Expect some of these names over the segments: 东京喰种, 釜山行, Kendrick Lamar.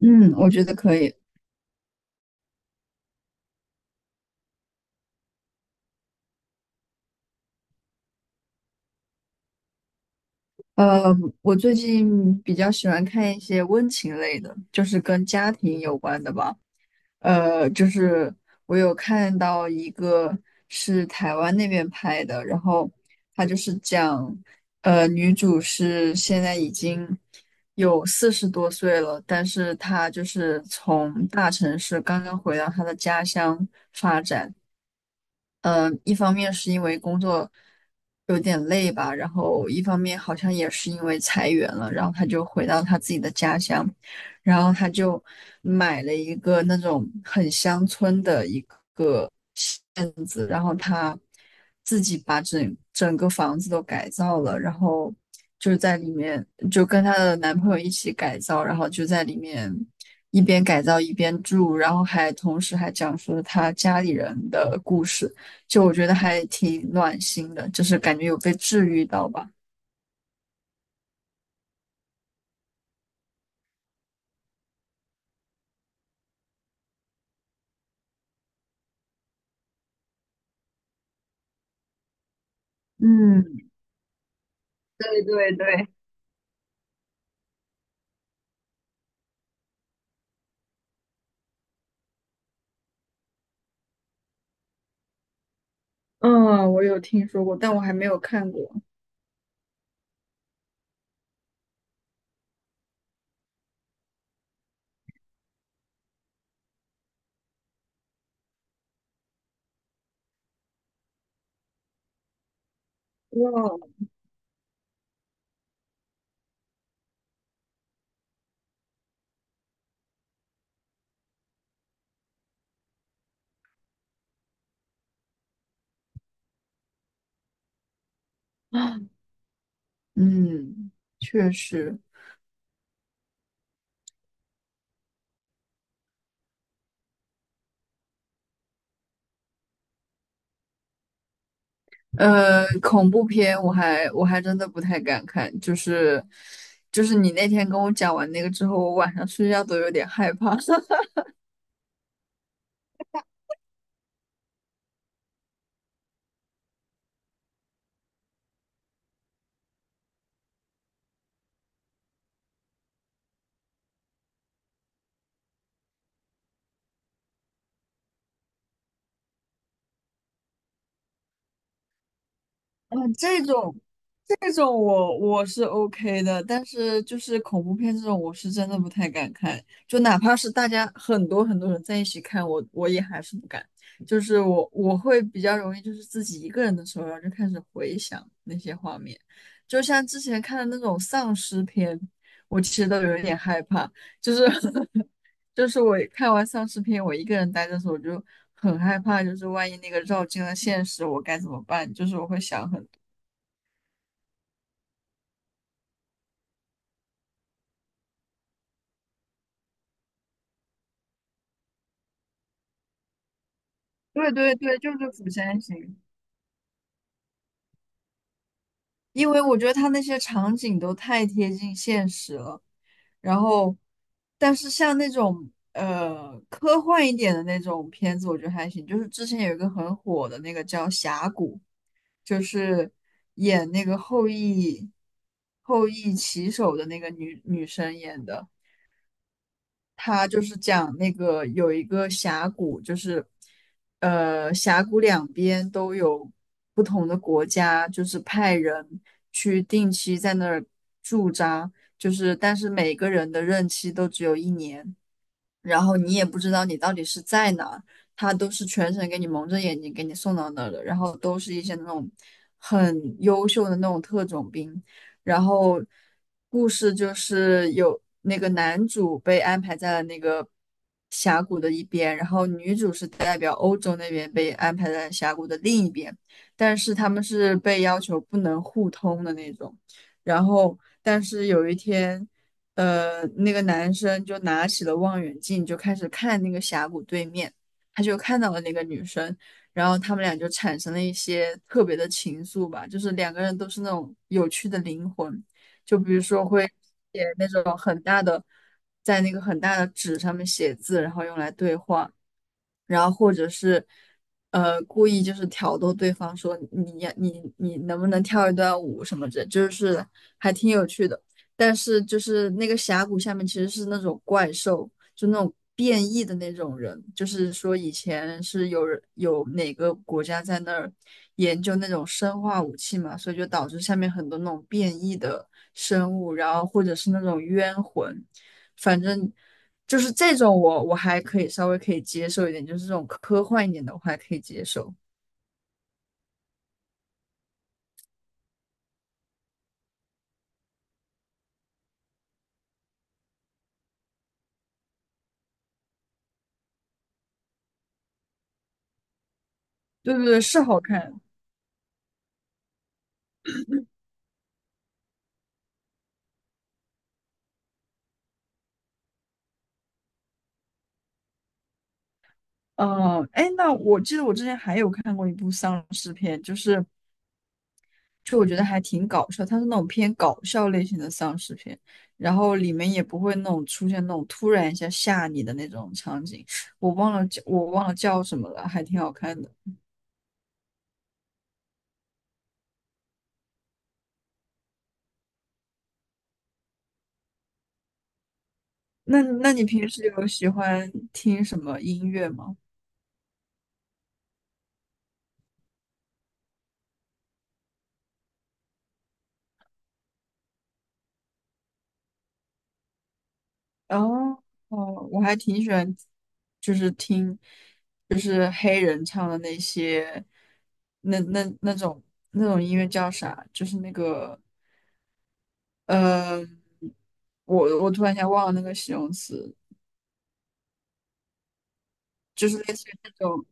嗯，我觉得可以。呃，我最近比较喜欢看一些温情类的，就是跟家庭有关的吧。就是我有看到一个是台湾那边拍的，然后它就是讲，女主是现在已经有40多岁了，但是她就是从大城市刚刚回到她的家乡。一方面是因为工作有点累吧，然后一方面好像也是因为裁员了，然后他就回到他自己的家乡，然后他就买了一个那种很乡村的一个院子，然后他自己把整个房子都改造了，然后就在里面就跟她的男朋友一起改造，然后就在里面一边改造一边住，然后还同时还讲述了她家里人的故事。就我觉得还挺暖心的，就是感觉有被治愈到吧。嗯，对对对。嗯，我有听说过，但我还没有看过。哇，嗯，确实。恐怖片我还真的不太敢看，就是你那天跟我讲完那个之后，我晚上睡觉都有点害怕。啊，这种我是 OK 的，但是就是恐怖片这种，我是真的不太敢看。就哪怕是大家很多很多人在一起看，我也还是不敢。就是我会比较容易，就是自己一个人的时候，然后就开始回想那些画面。就像之前看的那种丧尸片，我其实都有一点害怕。就是 就是我看完丧尸片，我一个人待着的时候，我就很害怕，就是万一那个绕进了现实，我该怎么办？就是我会想很对对对，就是《釜山行》，因为我觉得它那些场景都太贴近现实了。然后，但是像那种科幻一点的那种片子，我觉得还行。就是之前有一个很火的那个叫《峡谷》，就是演那个后羿骑手的那个女生演的。他就是讲那个有一个峡谷，就是峡谷两边都有不同的国家，就是派人去定期在那儿驻扎，就是但是每个人的任期都只有1年。然后你也不知道你到底是在哪儿，他都是全程给你蒙着眼睛给你送到那儿的，然后都是一些那种很优秀的那种特种兵，然后故事就是有那个男主被安排在了那个峡谷的一边，然后女主是代表欧洲那边被安排在峡谷的另一边，但是他们是被要求不能互通的那种，然后但是有一天。那个男生就拿起了望远镜，就开始看那个峡谷对面，他就看到了那个女生，然后他们俩就产生了一些特别的情愫吧，就是两个人都是那种有趣的灵魂，就比如说会写那种很大的，在那个很大的纸上面写字，然后用来对话，然后或者是故意就是挑逗对方说你呀你你能不能跳一段舞什么的，就是还挺有趣的。但是就是那个峡谷下面其实是那种怪兽，就那种变异的那种人，就是说以前是有人有哪个国家在那儿研究那种生化武器嘛，所以就导致下面很多那种变异的生物，然后或者是那种冤魂，反正。就是这种我还可以稍微可以接受一点，就是这种科幻一点的我还可以接受。对对对，是好看。嗯。哎，那我记得我之前还有看过一部丧尸片，就是就我觉得还挺搞笑，它是那种偏搞笑类型的丧尸片，然后里面也不会那种出现那种突然一下吓你的那种场景。我忘了叫什么了，还挺好看的。那那你平时有喜欢听什么音乐吗？哦哦，我还挺喜欢，就是听，就是黑人唱的那些。那那那种那种音乐叫啥？就是那个，呃，我突然间忘了那个形容词，就是类似于那种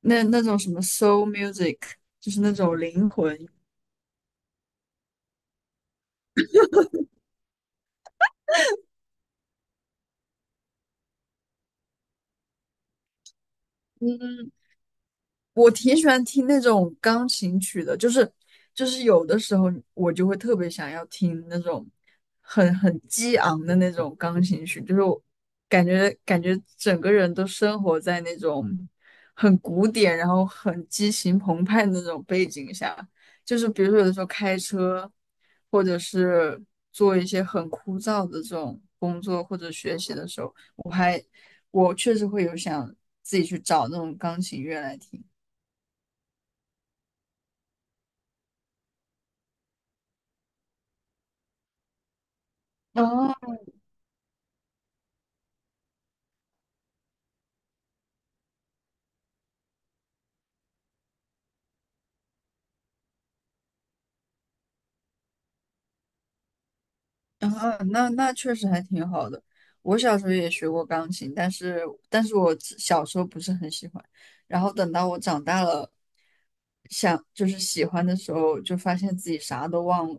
那种什么 soul music,就是那种灵魂。嗯。我挺喜欢听那种钢琴曲的，就是有的时候我就会特别想要听那种很很激昂的那种钢琴曲，就是我感觉整个人都生活在那种很古典，然后很激情澎湃的那种背景下。就是比如说有的时候开车，或者是做一些很枯燥的这种工作或者学习的时候，我确实会有想自己去找那种钢琴乐来听。哦，啊，那那确实还挺好的。我小时候也学过钢琴，但是我只小时候不是很喜欢，然后等到我长大了，想就是喜欢的时候，就发现自己啥都忘了。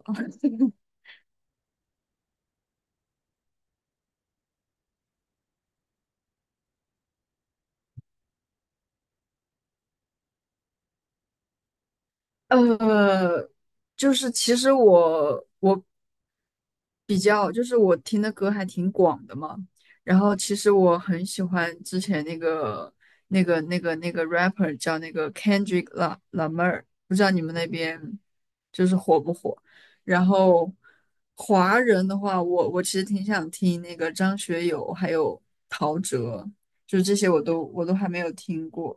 呃，就是其实我比较就是我听的歌还挺广的嘛，然后其实我很喜欢之前那个 rapper 叫那个 Kendrick La Lamar,不知道你们那边就是火不火？然后华人的话，我其实挺想听那个张学友还有陶喆，就是这些我都还没有听过。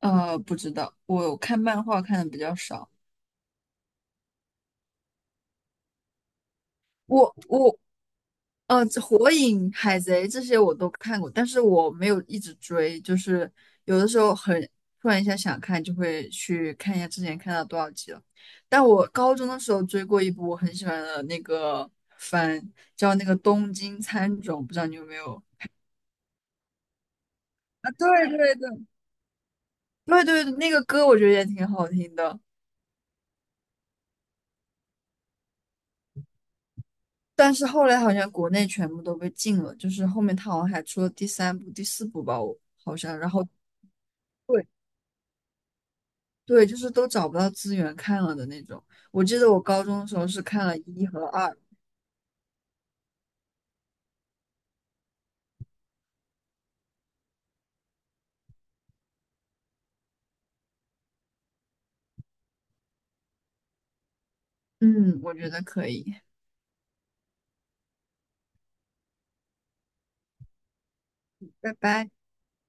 不知道，我看漫画看的比较少。我我呃，这火影、海贼这些我都看过，但是我没有一直追，就是有的时候很突然一下想看，就会去看一下之前看到多少集了。但我高中的时候追过一部我很喜欢的那个番，叫那个《东京喰种》，不知道你有没有？啊，对对对。那个歌我觉得也挺好听的，但是后来好像国内全部都被禁了，就是后面他好像还出了第三部、第四部吧，我好像，然后。对。对，就是都找不到资源看了的那种。我记得我高中的时候是看了1和2。嗯，我觉得可以，拜拜。